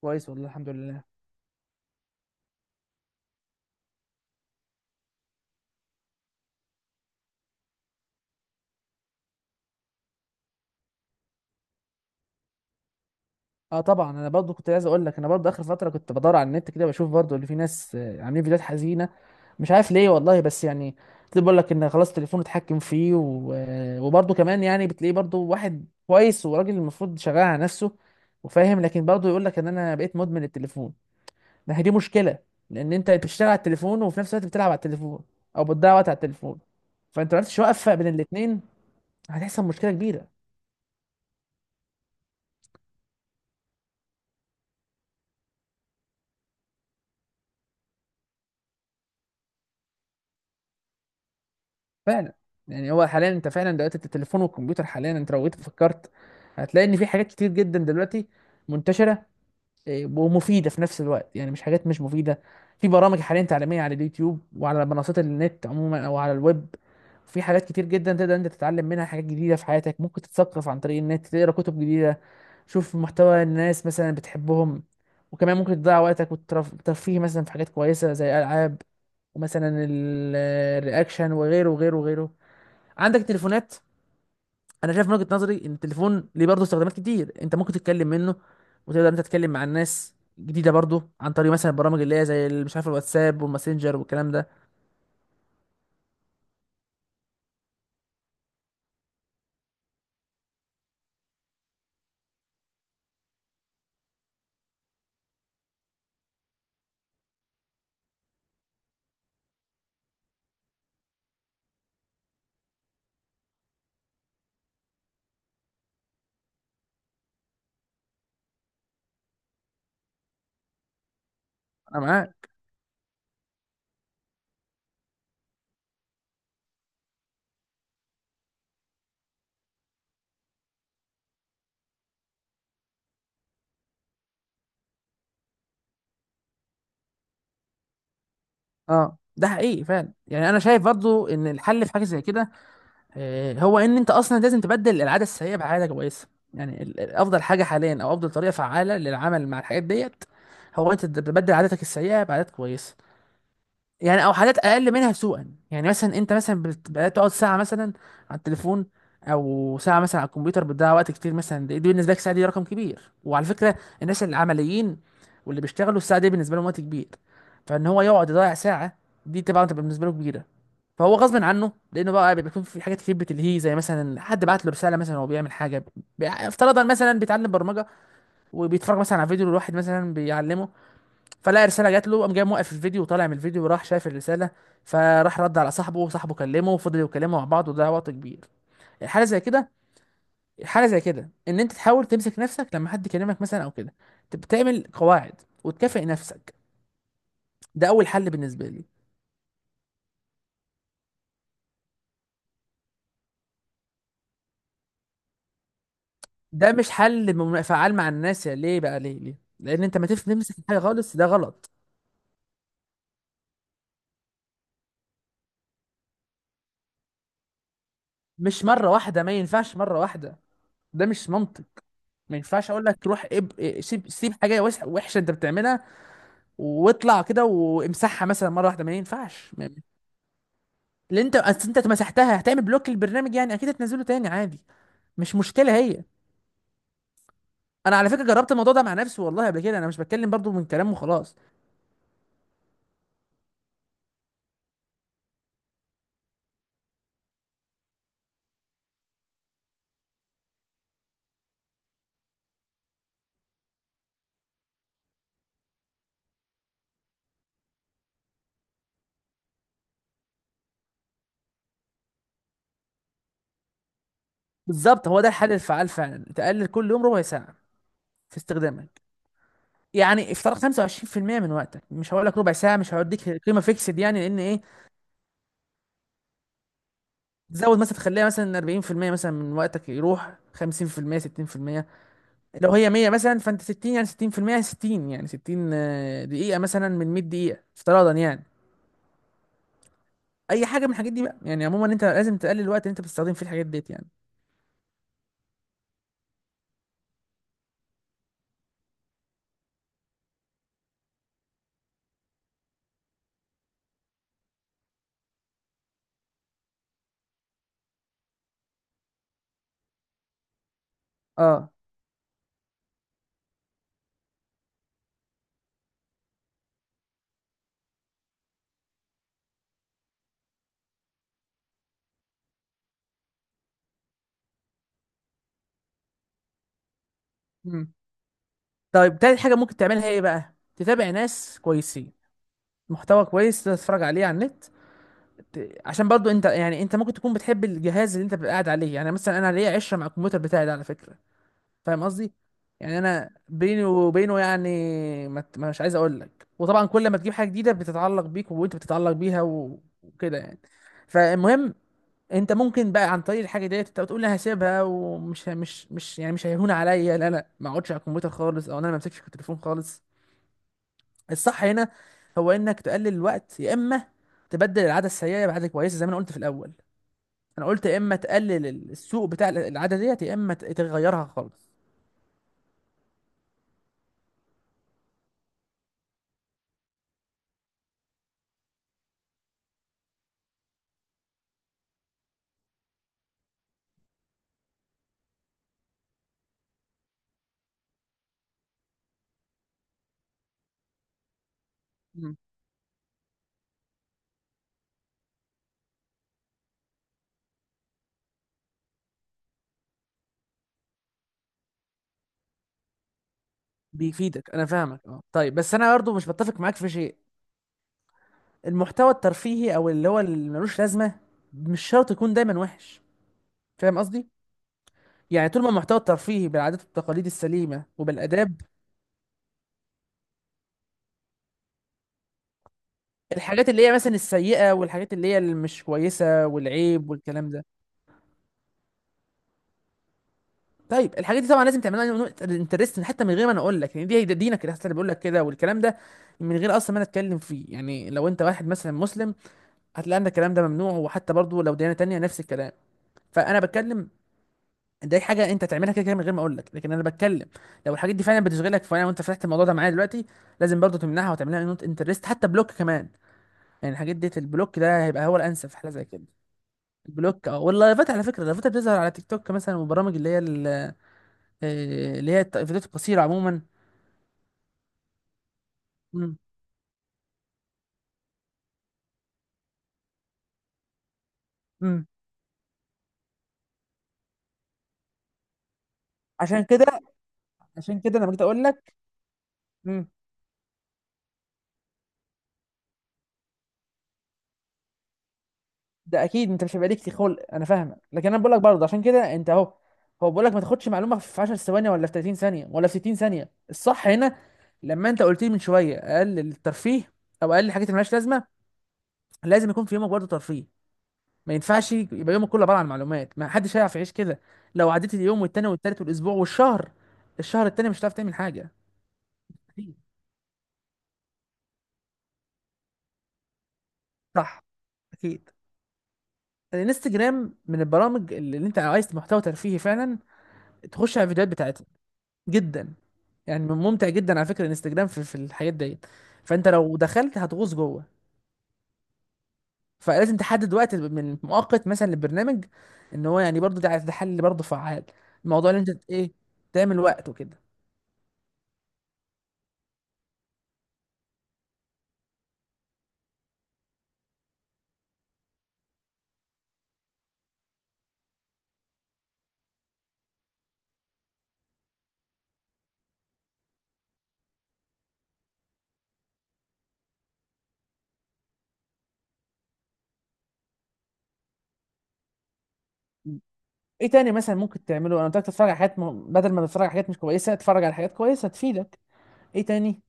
كويس والله الحمد لله. اه، طبعا انا برضو كنت عايز اقول لك انا برضو اخر فتره كنت بدور على النت كده بشوف برضو اللي في ناس عاملين فيديوهات حزينه. مش عارف ليه والله، بس يعني بتلاقي بيقول لك ان خلاص تليفونه اتحكم فيه و... آه، وبرضو كمان يعني بتلاقيه برضو واحد كويس وراجل المفروض شغال على نفسه وفاهم، لكن برضو يقول لك ان انا بقيت مدمن التليفون. ما هي دي مشكله، لان انت بتشتغل على التليفون وفي نفس الوقت بتلعب على التليفون او بتضيع وقت على التليفون، فانت ما عرفتش توقف بين الاثنين، هتحصل مشكله كبيره. فعلا، يعني هو حاليا انت فعلا دلوقتي التليفون والكمبيوتر، حاليا انت لو جيت فكرت هتلاقي ان في حاجات كتير جدا دلوقتي منتشره ومفيده في نفس الوقت، يعني مش حاجات مش مفيده. في برامج حاليا تعليميه على اليوتيوب وعلى منصات النت عموما او على الويب، في حاجات كتير جدا تقدر انت تتعلم منها حاجات جديده في حياتك، ممكن تتثقف عن طريق النت، تقرا كتب جديده، شوف محتوى الناس مثلا بتحبهم، وكمان ممكن تضيع وقتك والترفيه مثلا في حاجات كويسه زي العاب، ومثلا الرياكشن وغيره وغيره وغيره. عندك تليفونات، انا شايف من وجهة نظري ان التليفون ليه برضه استخدامات كتير، انت ممكن تتكلم منه وتقدر انت تتكلم مع الناس جديده برضه عن طريق مثلا البرامج اللي هي زي مش عارف الواتساب والماسنجر والكلام ده. انا معاك. اه، ده حقيقي فعلا، يعني انا شايف برضه ان الحل في حاجه زي كده، هو ان انت اصلا لازم تبدل العاده السيئه بعاده كويسه. يعني افضل حاجه حاليا او افضل طريقه فعاله للعمل مع الحاجات ديت هو انت تبدل عاداتك السيئه بعادات كويسه، يعني او حاجات اقل منها سوءا. يعني مثلا انت مثلا بدات تقعد ساعه مثلا على التليفون او ساعه مثلا على الكمبيوتر بتضيع وقت كتير، مثلا دي بالنسبه لك ساعه دي رقم كبير، وعلى فكره الناس العمليين واللي بيشتغلوا الساعه دي بالنسبه لهم وقت كبير، فان هو يقعد يضيع ساعه، دي طبعا تبقى بالنسبه له كبيره. فهو غصب عنه، لانه بقى بيكون في حاجات كتير بتلهيه، زي مثلا حد بعت له رساله مثلا وهو بيعمل حاجه، افترضا مثلا بيتعلم برمجه وبيتفرج مثلا على فيديو لواحد مثلا بيعلمه، فلقى رساله جات له، قام جاي موقف الفيديو وطالع من الفيديو وراح شايف الرساله، فراح رد على صاحبه، وصاحبه كلمه وفضلوا يتكلموا مع بعض، وده وقت كبير. حاله زي كده حاله زي كده ان انت تحاول تمسك نفسك لما حد يكلمك مثلا او كده، تعمل قواعد وتكافئ نفسك. ده اول حل بالنسبه لي. ده مش حل فعال مع الناس، يا ليه بقى، ليه لان انت ما تف- تمسك حاجه خالص، ده غلط. مش مره واحده، ما ينفعش مره واحده، ده مش منطق. ما ينفعش اقول لك روح اب... إيه، سيب سيب حاجه وحشه انت بتعملها واطلع كده وامسحها مثلا مره واحده، ما ينفعش. اللي انت اصل انت مسحتها هتعمل بلوك للبرنامج، يعني اكيد هتنزله تاني عادي، مش مشكله هي. انا على فكره جربت الموضوع ده مع نفسي والله قبل كده، انا مش بتكلم برضو من كلام وخلاص. بالظبط، هو ده الحل الفعال، فعلا تقلل كل يوم ربع ساعه في استخدامك، يعني افتراض 25% من وقتك، مش هقول لك ربع ساعه مش هوديك قيمه فيكسد يعني، لان ايه، تزود مثلا تخليها مثلا 40% مثلا من وقتك، يروح 50% 60%. لو هي 100 مثلا فانت 60 يعني 60%، 60 يعني 60 دقيقة مثلا من 100 دقيقة افتراضا يعني. اي حاجة من الحاجات دي بقى، يعني عموما انت لازم تقلل الوقت اللي انت بتستخدم فيه الحاجات ديت يعني. اه. مم. طيب، تالت حاجة ممكن تعملها ايه بقى، تتابع ناس كويسين، محتوى كويس تتفرج عليه على النت، عشان برضو انت يعني انت ممكن تكون بتحب الجهاز اللي انت بتبقى قاعد عليه، يعني مثلا انا ليا عشره مع الكمبيوتر بتاعي ده على فكره. فاهم قصدي، يعني انا بيني وبينه يعني ما ت- مش عايز اقول لك، وطبعا كل ما تجيب حاجه جديده بتتعلق بيك وانت بتتعلق بيها وكده يعني. فالمهم، انت ممكن بقى عن طريق الحاجه ديت انت بتقول انا هسيبها، ومش ه- مش مش يعني مش هيهون عليا، لا لا، ما اقعدش على الكمبيوتر خالص او انا ما امسكش التليفون خالص. الصح هنا هو انك تقلل الوقت يا اما تبدل العاده السيئه بعاده كويسه زي ما انا قلت في الاول، انا قلت يا اما تقلل السوق بتاع العاده ديت يا اما تغيرها خالص. مم. بيفيدك، انا فاهمك، اه طيب بس انا برضه مش بتفق معاك في شيء، المحتوى الترفيهي او اللي هو اللي ملوش لازمه مش شرط يكون دايما وحش، فاهم قصدي، يعني طول ما المحتوى الترفيهي بالعادات والتقاليد السليمه وبالاداب. الحاجات اللي هي مثلا السيئه والحاجات اللي هي اللي مش كويسه والعيب والكلام ده، طيب الحاجات دي طبعا لازم تعملها انترستنج حتى من غير ما انا اقول لك، يعني دي هي ده دينك اللي حتى اللي بيقول لك كده والكلام ده، من غير اصلا ما انا اتكلم فيه، يعني لو انت واحد مثلا مسلم هتلاقي ان الكلام ده ممنوع، وحتى برضو لو ديانه تانية نفس الكلام، فانا بتكلم. دي حاجه انت تعملها كده كده من غير ما اقول لك، لكن انا بتكلم لو الحاجات دي فعلا بتشغلك، فانا وانت فتحت الموضوع ده معايا دلوقتي لازم برضو تمنعها وتعملها نوت انترست حتى بلوك كمان، يعني الحاجات دي البلوك ده هيبقى هو الانسب في حاجه زي كده. البلوك، اه، واللايفات على فكره، اللايفات اللي بتظهر على تيك توك مثلا، والبرامج اللي هي اللي هي الفيديوهات القصيره عموما. مم. مم. عشان كده عشان كده انا جيت اقول لك. مم. ده اكيد انت مش هيبقى ليك خلق، انا فاهمك، لكن انا بقول لك برضه عشان كده انت اهو، هو بقول لك ما تاخدش معلومه في 10 ثواني ولا في 30 ثانيه ولا في 60 ثانيه، الصح هنا لما انت قلت لي من شويه اقل الترفيه او اقل الحاجات اللي مالهاش لازمه، لازم يكون في يومك برضه ترفيه، ما ينفعش يبقى يومك كله عباره عن معلومات، ما حدش هيعرف يعيش كده. لو عديت اليوم والتاني والتالت والاسبوع والشهر، الشهر التاني مش هتعرف تعمل حاجه. أكيد. صح اكيد. الانستجرام من البرامج اللي انت لو عايز محتوى ترفيهي فعلا تخش على الفيديوهات بتاعتها، جدا يعني، ممتع جدا على فكره الانستجرام في الحاجات ديت. فانت لو دخلت هتغوص جوه، فلازم تحدد وقت من مؤقت مثلا للبرنامج، ان هو يعني برضو ده حل برضو فعال. الموضوع اللي انت ايه، تعمل وقت وكده. ايه تاني مثلا ممكن تعمله، انا قلت لك تتفرج على حاجات بدل ما تتفرج على حاجات مش كويسه اتفرج على حاجات كويسه تفيدك. ايه تاني،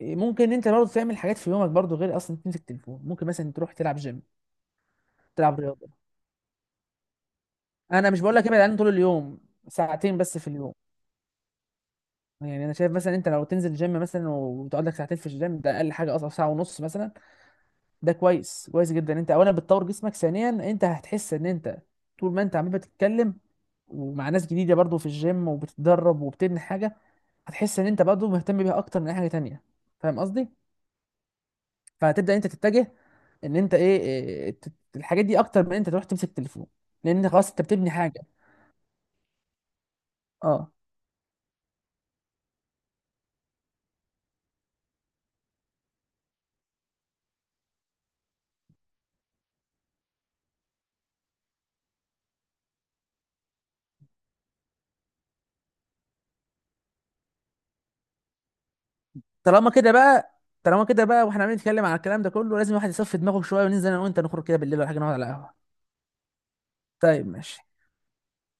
ممكن انت برضو تعمل حاجات في يومك برضو غير اصلا تمسك تليفون، ممكن مثلا تروح تلعب جيم، تلعب رياضه. انا مش بقول لك ابعد عنه طول اليوم، ساعتين بس في اليوم، يعني انا شايف مثلا انت لو تنزل جيم مثلا وتقعد لك ساعتين في الجيم، ده اقل حاجه، اصلا ساعه ونص مثلا، ده كويس كويس جدا. انت اولا بتطور جسمك، ثانيا انت هتحس ان انت طول ما انت عمال بتتكلم ومع ناس جديده برضو في الجيم وبتتدرب وبتبني حاجه، هتحس ان انت برضو مهتم بيها اكتر من اي حاجه تانية، فاهم قصدي. فهتبدا انت تتجه ان انت ايه إيه، إيه، ت- الحاجات دي اكتر من انت تروح تمسك تليفون، لان خلاص انت بتبني حاجه. اه، طالما كده بقى واحنا عمالين نتكلم على الكلام ده كله، لازم الواحد يصفي دماغه شويه، وننزل انا وانت نخرج كده بالليل ولا حاجه نقعد على قهوه. طيب ماشي.